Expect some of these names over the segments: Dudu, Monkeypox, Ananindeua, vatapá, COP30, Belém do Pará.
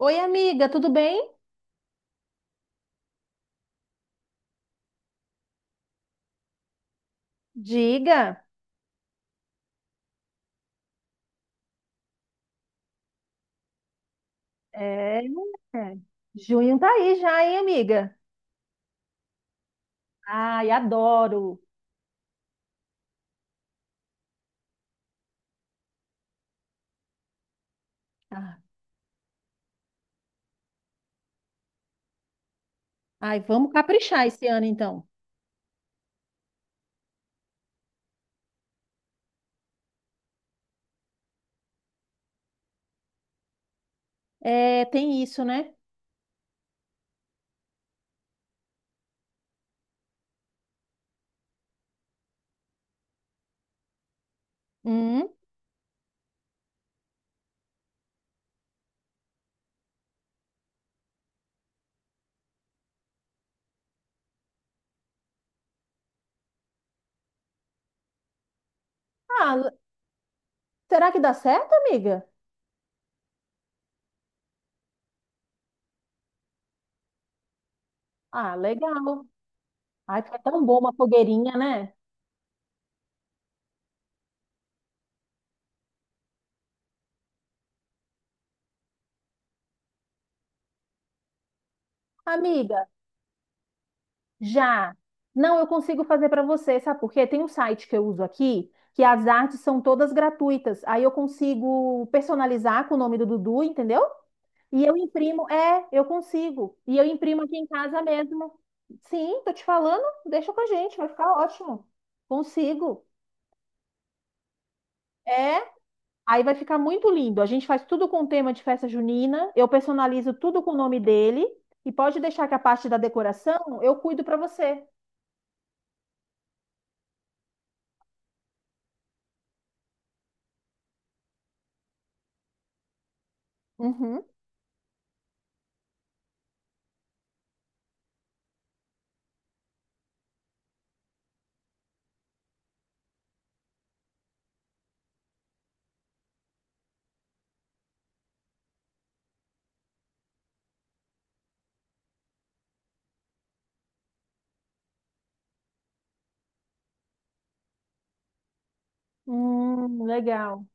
Oi, amiga, tudo bem? Diga. É, é. Junho tá aí já, hein, amiga? Ai, adoro. Ah, Ai, vamos caprichar esse ano, então. É, tem isso, né? Hum. Ah, le- Será que dá certo, amiga? Ah, legal. Ai, fica tão bom uma fogueirinha, né? Amiga, já. Não, eu consigo fazer para você, sabe por quê? Tem um site que eu uso aqui, que as artes são todas gratuitas. Aí eu consigo personalizar com o nome do Dudu, entendeu? E eu imprimo, eu consigo. E eu imprimo aqui em casa mesmo. Sim, tô te falando, deixa com a gente, vai ficar ótimo. Consigo. É, aí vai ficar muito lindo. A gente faz tudo com tema de festa junina, eu personalizo tudo com o nome dele e pode deixar que a parte da decoração eu cuido pra você. Uhum. Legal.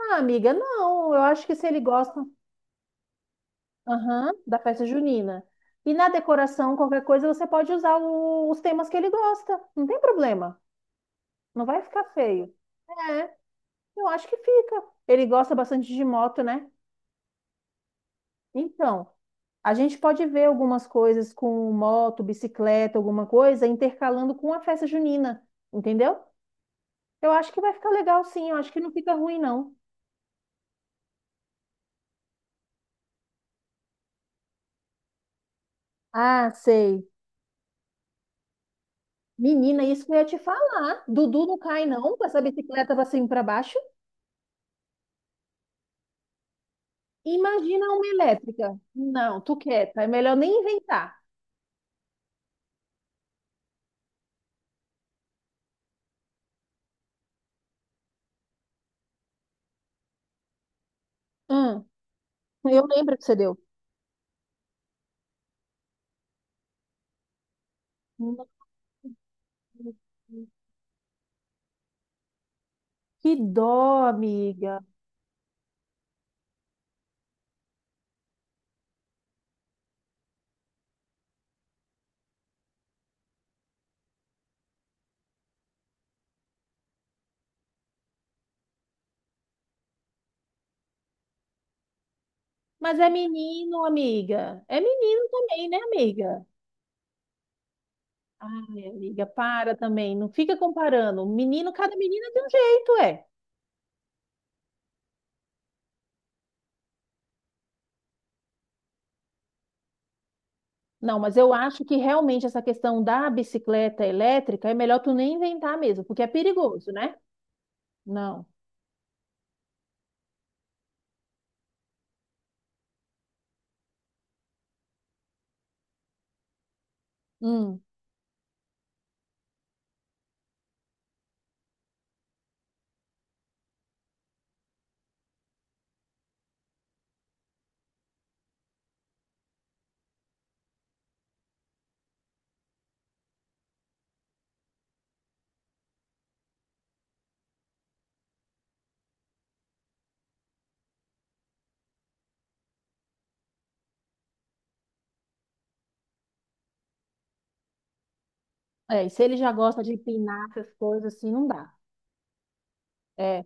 Ah, amiga, não, eu acho que se ele gosta, aham, da festa junina. E na decoração, qualquer coisa, você pode usar os temas que ele gosta. Não tem problema. Não vai ficar feio. É, eu acho que fica. Ele gosta bastante de moto, né? Então, a gente pode ver algumas coisas com moto, bicicleta, alguma coisa, intercalando com a festa junina, entendeu? Eu acho que vai ficar legal, sim. Eu acho que não fica ruim, não. Ah, sei. Menina, isso que eu ia te falar. Dudu não cai, não, com essa bicicleta pra cima e pra baixo. Imagina uma elétrica. Não, tu quieta. É melhor nem inventar. Hum, eu lembro que você deu. Hum. Que dó, amiga. Mas é menino, amiga. É menino também, né, amiga? Ai, amiga, para também. Não fica comparando. Menino, cada menina tem um jeito, é. Não, mas eu acho que realmente essa questão da bicicleta elétrica é melhor tu nem inventar mesmo, porque é perigoso, né? Não. Hum. É, e se ele já gosta de empinar essas coisas assim, não dá. É,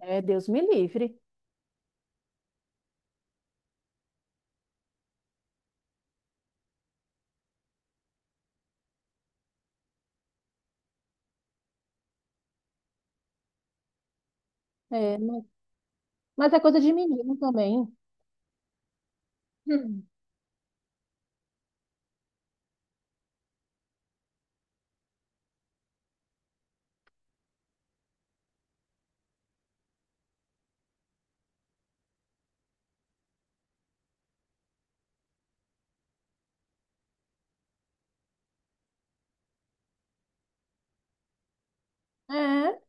Deus me livre. É, mas, mas é coisa de menino também. Hum. É,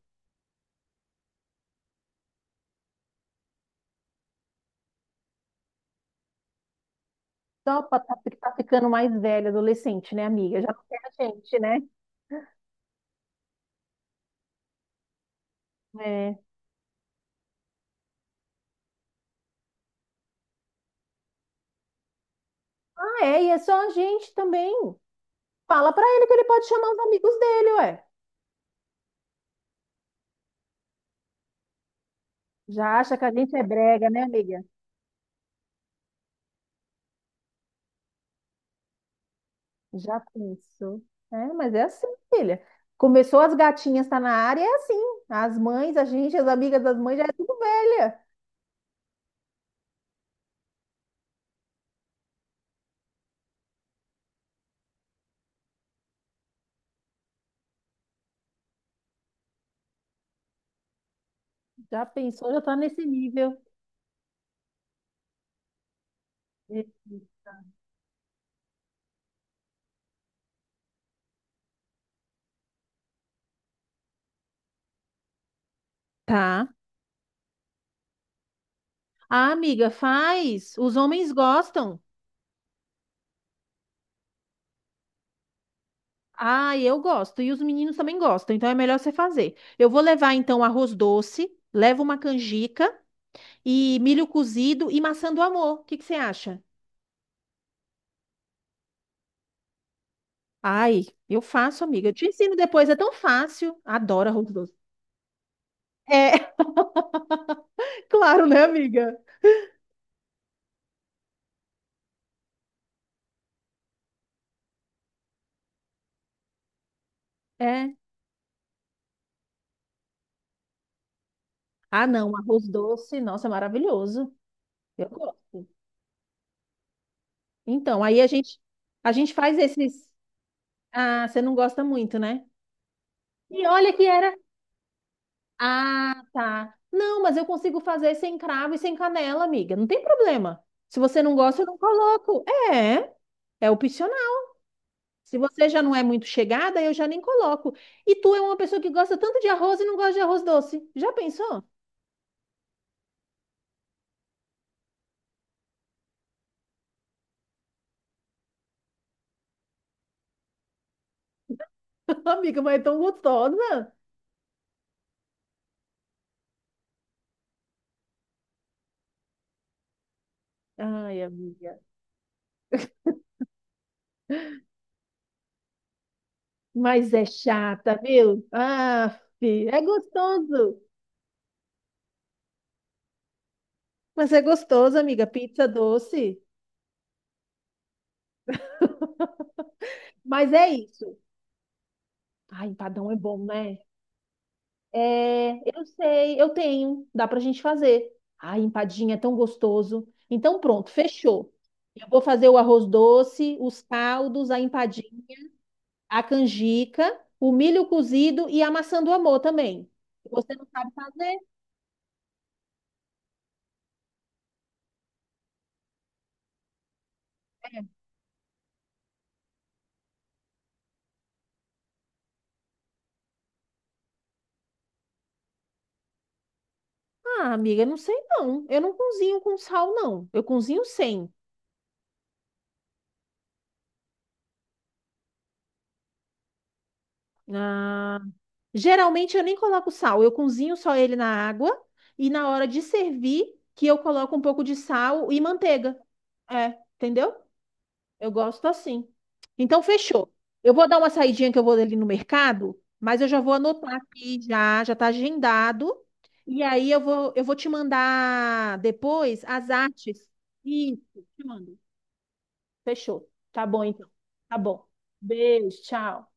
só pra tá ficando mais velha, adolescente, né, amiga? Já não quer a gente, né? É. Ah, é, e é só a gente também. Fala pra ele que ele pode chamar os amigos dele, ué. Já acha que a gente é brega, né, amiga? Já pensou. É, mas é assim, filha. Começou as gatinhas tá na área, é assim. As mães, a gente, as amigas das mães, já é tudo velha. Já pensou, já tá nesse nível. É. Tá. Ah, amiga, faz. Os homens gostam. Ah, eu gosto. E os meninos também gostam. Então é melhor você fazer. Eu vou levar, então, arroz doce, levo uma canjica e milho cozido e maçã do amor. O que que você acha? Ai, eu faço, amiga. Eu te ensino depois, é tão fácil. Adoro arroz doce. É, claro, né, amiga? É. Ah, não, arroz doce, nossa, é maravilhoso. Eu gosto. Então, aí a gente faz esses. Ah, você não gosta muito, né? E olha que era. Ah, tá. Não, mas eu consigo fazer sem cravo e sem canela, amiga. Não tem problema. Se você não gosta, eu não coloco. É, é Se você já não é muito chegada, eu já nem coloco. E tu é uma pessoa que gosta tanto de arroz e não gosta de arroz doce. Já pensou? Amiga, mas é tão gostosa. Ai, amiga. Mas é chata, viu? Ah, é gostoso. Mas é gostoso, amiga, pizza doce. Mas é isso. Ai, empadão é bom, né? É, eu sei, eu tenho. Dá pra gente fazer. Ai, empadinha é tão gostoso. Então, pronto, fechou. Eu vou fazer o arroz doce, os caldos, a empadinha, a canjica, o milho cozido e a maçã do amor também. Você não sabe fazer? É. Ah, amiga, não sei não. Eu não cozinho com sal, não. Eu cozinho sem. Ah, geralmente eu nem coloco sal, eu cozinho só ele na água e na hora de servir que eu coloco um pouco de sal e manteiga. É, entendeu? Eu gosto assim. Então, fechou. Eu vou dar uma saidinha que eu vou ali no mercado, mas eu já vou anotar aqui já, já tá agendado. E aí eu vou te mandar depois as artes. Isso, te mando. Fechou. Tá bom, então. Tá bom. Beijo, tchau.